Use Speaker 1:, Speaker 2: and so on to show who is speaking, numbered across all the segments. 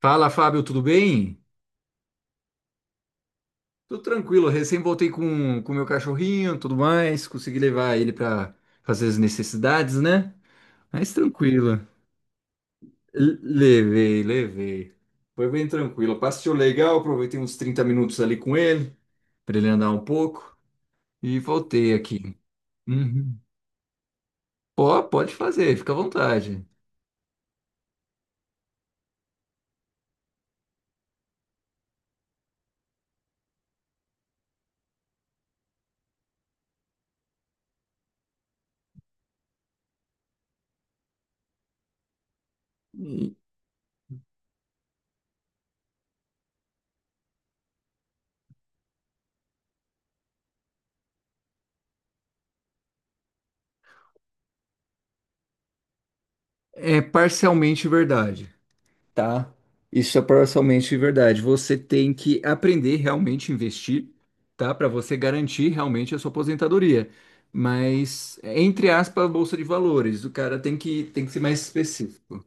Speaker 1: Fala, Fábio, tudo bem? Tudo tranquilo, recém voltei com o meu cachorrinho, tudo mais, consegui levar ele para fazer as necessidades, né? Mas tranquilo. Levei, levei. Foi bem tranquilo. Passeio legal, aproveitei uns 30 minutos ali com ele, para ele andar um pouco e voltei aqui. Uhum. Ó, pode fazer, fica à vontade. E É parcialmente verdade. Tá, isso é parcialmente verdade. Você tem que aprender realmente a investir, tá? Para você garantir realmente a sua aposentadoria. Mas, entre aspas, bolsa de valores, o cara tem que ser mais específico.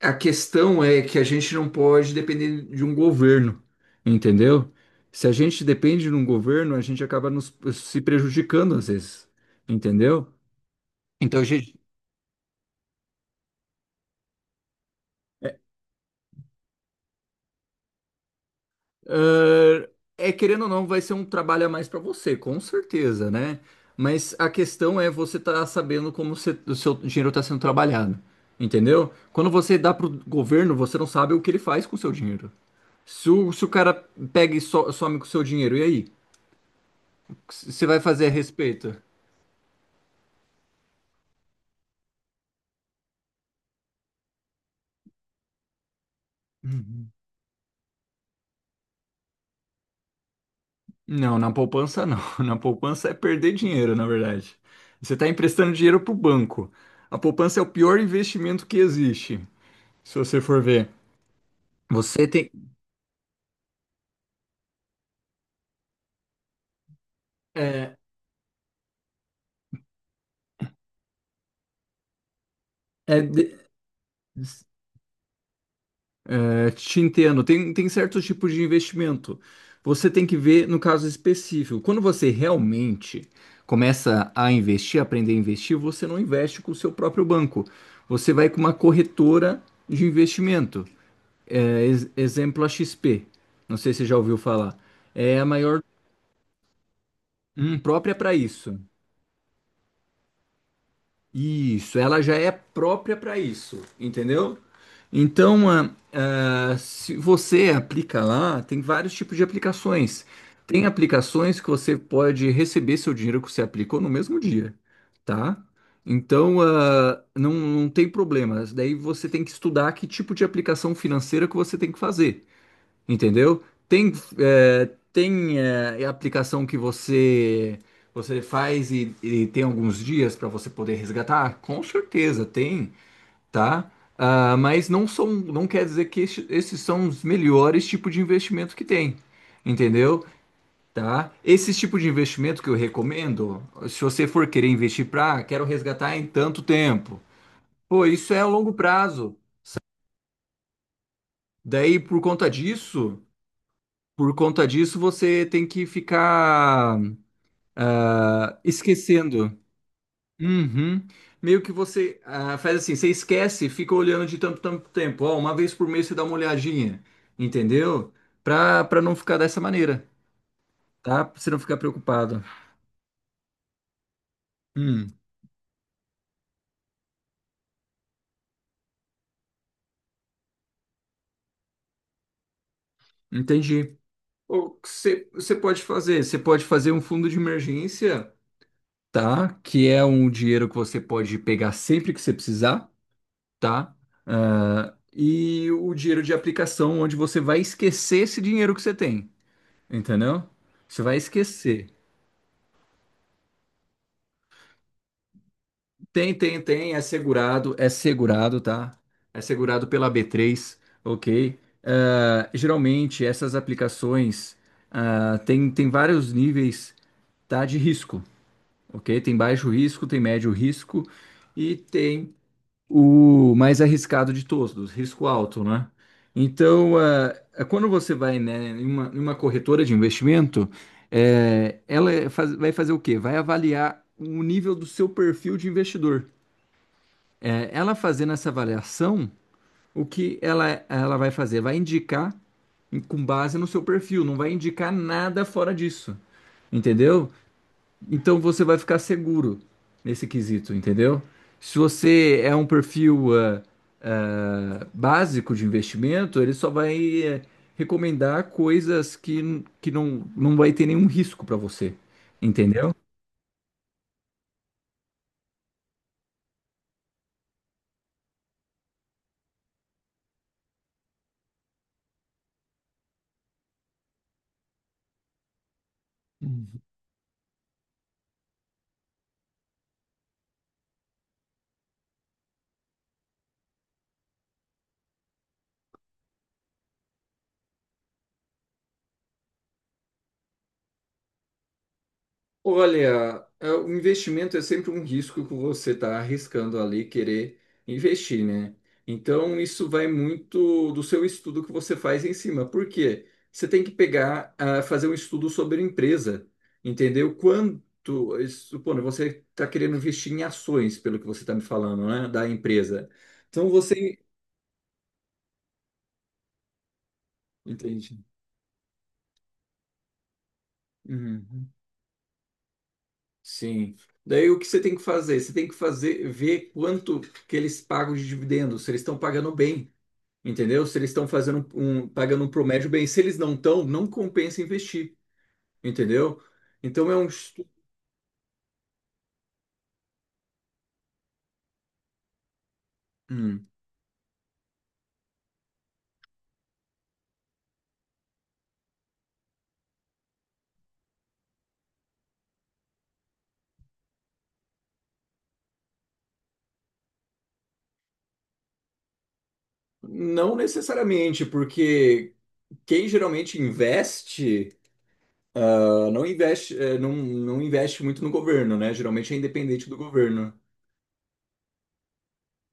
Speaker 1: A questão é que a gente não pode depender de um governo, entendeu? Se a gente depende de um governo, a gente acaba nos, se prejudicando às vezes, entendeu? Então, a gente. Ah, É, querendo ou não, vai ser um trabalho a mais para você, com certeza, né? Mas a questão é você tá sabendo como você- o seu dinheiro está sendo trabalhado, entendeu? Quando você dá pro governo, você não sabe o que ele faz com o seu dinheiro. Se o, se o cara pega e some com o seu dinheiro, e aí? O que você vai fazer a respeito? Não, na poupança não. Na poupança é perder dinheiro, na verdade. Você está emprestando dinheiro pro banco. A poupança é o pior investimento que existe, se você for ver. Você tem. é, É, é, te entendo. Tem, tem certos tipos de investimento. Você tem que ver no caso específico. Quando você realmente começa a investir, aprender a investir, você não investe com o seu próprio banco. Você vai com uma corretora de investimento. É, exemplo, a XP. Não sei se você já ouviu falar. É a maior, própria para isso. Isso, ela já é própria para isso, entendeu? Então, se você aplica lá, tem vários tipos de aplicações. Tem aplicações que você pode receber seu dinheiro que você aplicou no mesmo dia, tá? Então, não, não tem problema. Daí você tem que estudar que tipo de aplicação financeira que você tem que fazer. Entendeu? Tem, é, tem aplicação que você você faz e tem alguns dias para você poder resgatar? Com certeza tem, tá? Ah, mas não são, não quer dizer que esses são os melhores tipos de investimento que tem, entendeu? Tá? Esse tipo de investimento que eu recomendo, se você for querer investir para, quero resgatar em tanto tempo. Pô, isso é a longo prazo. Daí, por conta disso. Por conta disso, você tem que ficar esquecendo. Uhum. Meio que você faz assim, você esquece, e fica olhando de tanto, tanto tempo. Ó, uma vez por mês você dá uma olhadinha, entendeu? Pra não ficar dessa maneira, tá? Pra você não ficar preocupado. Hum, entendi. O que você, você pode fazer? Você pode fazer um fundo de emergência, tá? Que é um dinheiro que você pode pegar sempre que você precisar. Tá? Ah, e o dinheiro de aplicação, onde você vai esquecer esse dinheiro que você tem, entendeu? Você vai esquecer. Tem, é segurado, tá? É segurado pela b três, ok? Ah, geralmente, essas aplicações tem, tem vários níveis, tá, de risco, ok? Tem baixo risco, tem médio risco e tem o mais arriscado de todos, risco alto, né? Então, quando você vai, né, em uma corretora de investimento, ela vai fazer o quê? Vai avaliar o nível do seu perfil de investidor. Eh, ela fazendo essa avaliação, o que ela vai fazer? Vai indicar com base no seu perfil, não vai indicar nada fora disso, entendeu? Então você vai ficar seguro nesse quesito, entendeu? Se você é um perfil básico de investimento, ele só vai recomendar coisas que não, não vai ter nenhum risco para você, entendeu? Olha, é, o investimento é sempre um risco que você está arriscando ali querer investir, né? Então, isso vai muito do seu estudo que você faz em cima. Por quê? Você tem que pegar, fazer um estudo sobre a empresa, entendeu? Quanto, supondo, você está querendo investir em ações, pelo que você está me falando, né? Da empresa. Então, você... Entende. Uhum. Sim. Daí o que você tem que fazer? Você tem que fazer, ver quanto que eles pagam de dividendos, se eles estão pagando bem. Entendeu? Se eles estão fazendo um, um, pagando um promédio bem, se eles não estão, não compensa investir, entendeu? Então é um hum, não necessariamente, porque quem geralmente investe não investe não, não investe muito no governo, né? Geralmente é independente do governo.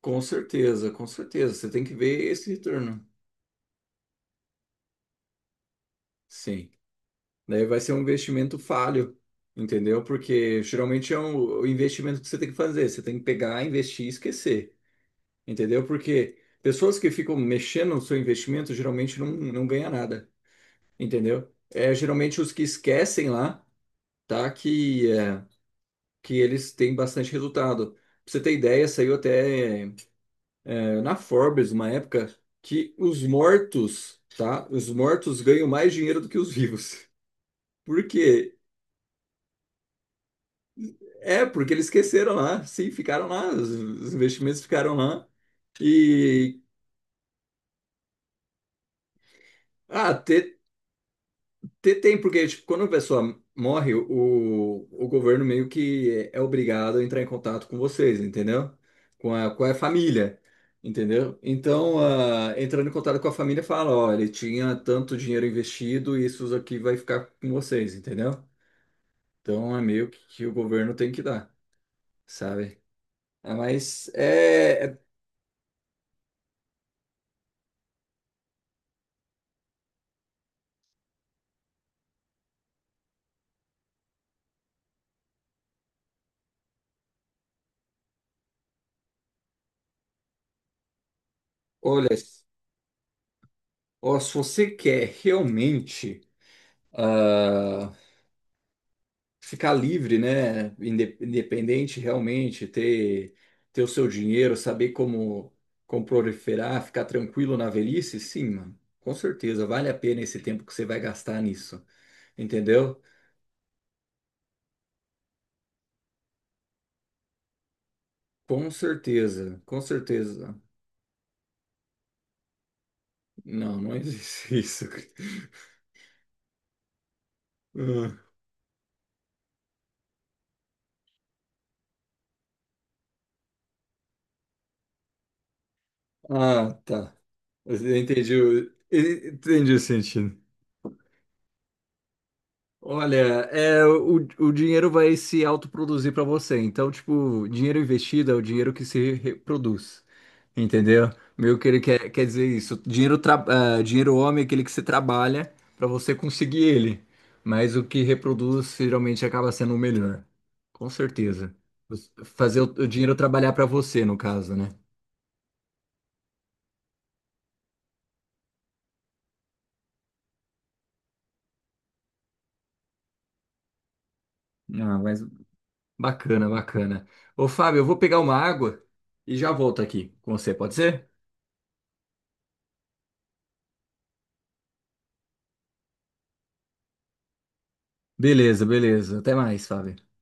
Speaker 1: Com certeza, com certeza. Você tem que ver esse retorno. Sim. Daí vai ser um investimento falho, entendeu? Porque geralmente é um, o investimento que você tem que fazer. Você tem que pegar, investir e esquecer. Entendeu? Porque pessoas que ficam mexendo no seu investimento geralmente não, não ganha nada, entendeu? É geralmente os que esquecem lá, tá? Que, é, que eles têm bastante resultado. Pra você ter ideia, saiu até na Forbes uma época que os mortos, tá? Os mortos ganham mais dinheiro do que os vivos. Por quê? É, porque eles esqueceram lá, sim, ficaram lá, os investimentos ficaram lá. E ah, te- Te- Tem, porque tipo, quando a pessoa morre, o governo meio que é obrigado a entrar em contato com vocês, entendeu? Com a família, entendeu? Então, entrando em contato com a família, fala, ó, ele tinha tanto dinheiro investido e isso aqui vai ficar com vocês, entendeu? Então, é meio que o governo tem que dar, sabe? Ah, mas, é, é- olha, ó, se você quer realmente... ah, ficar livre, né? Independente realmente, ter, ter o seu dinheiro, saber como, como proliferar, ficar tranquilo na velhice, sim, mano. Com certeza, vale a pena esse tempo que você vai gastar nisso, entendeu? Com certeza, com certeza. Não, não existe isso. Ah, tá. Eu entendi, entendi o sentido. Olha, é, o dinheiro vai se autoproduzir para você. Então, tipo, dinheiro investido é o dinheiro que se reproduz. Entendeu? Meio que ele quer, quer dizer isso. Dinheiro homem é aquele que você trabalha para você conseguir ele. Mas o que reproduz geralmente acaba sendo o melhor. Com certeza. Fazer o dinheiro trabalhar para você, no caso, né? Ah, mas Bacana, bacana. Ô, Fábio, eu vou pegar uma água e já volto aqui com você, pode ser? Beleza, beleza. Até mais, Fábio.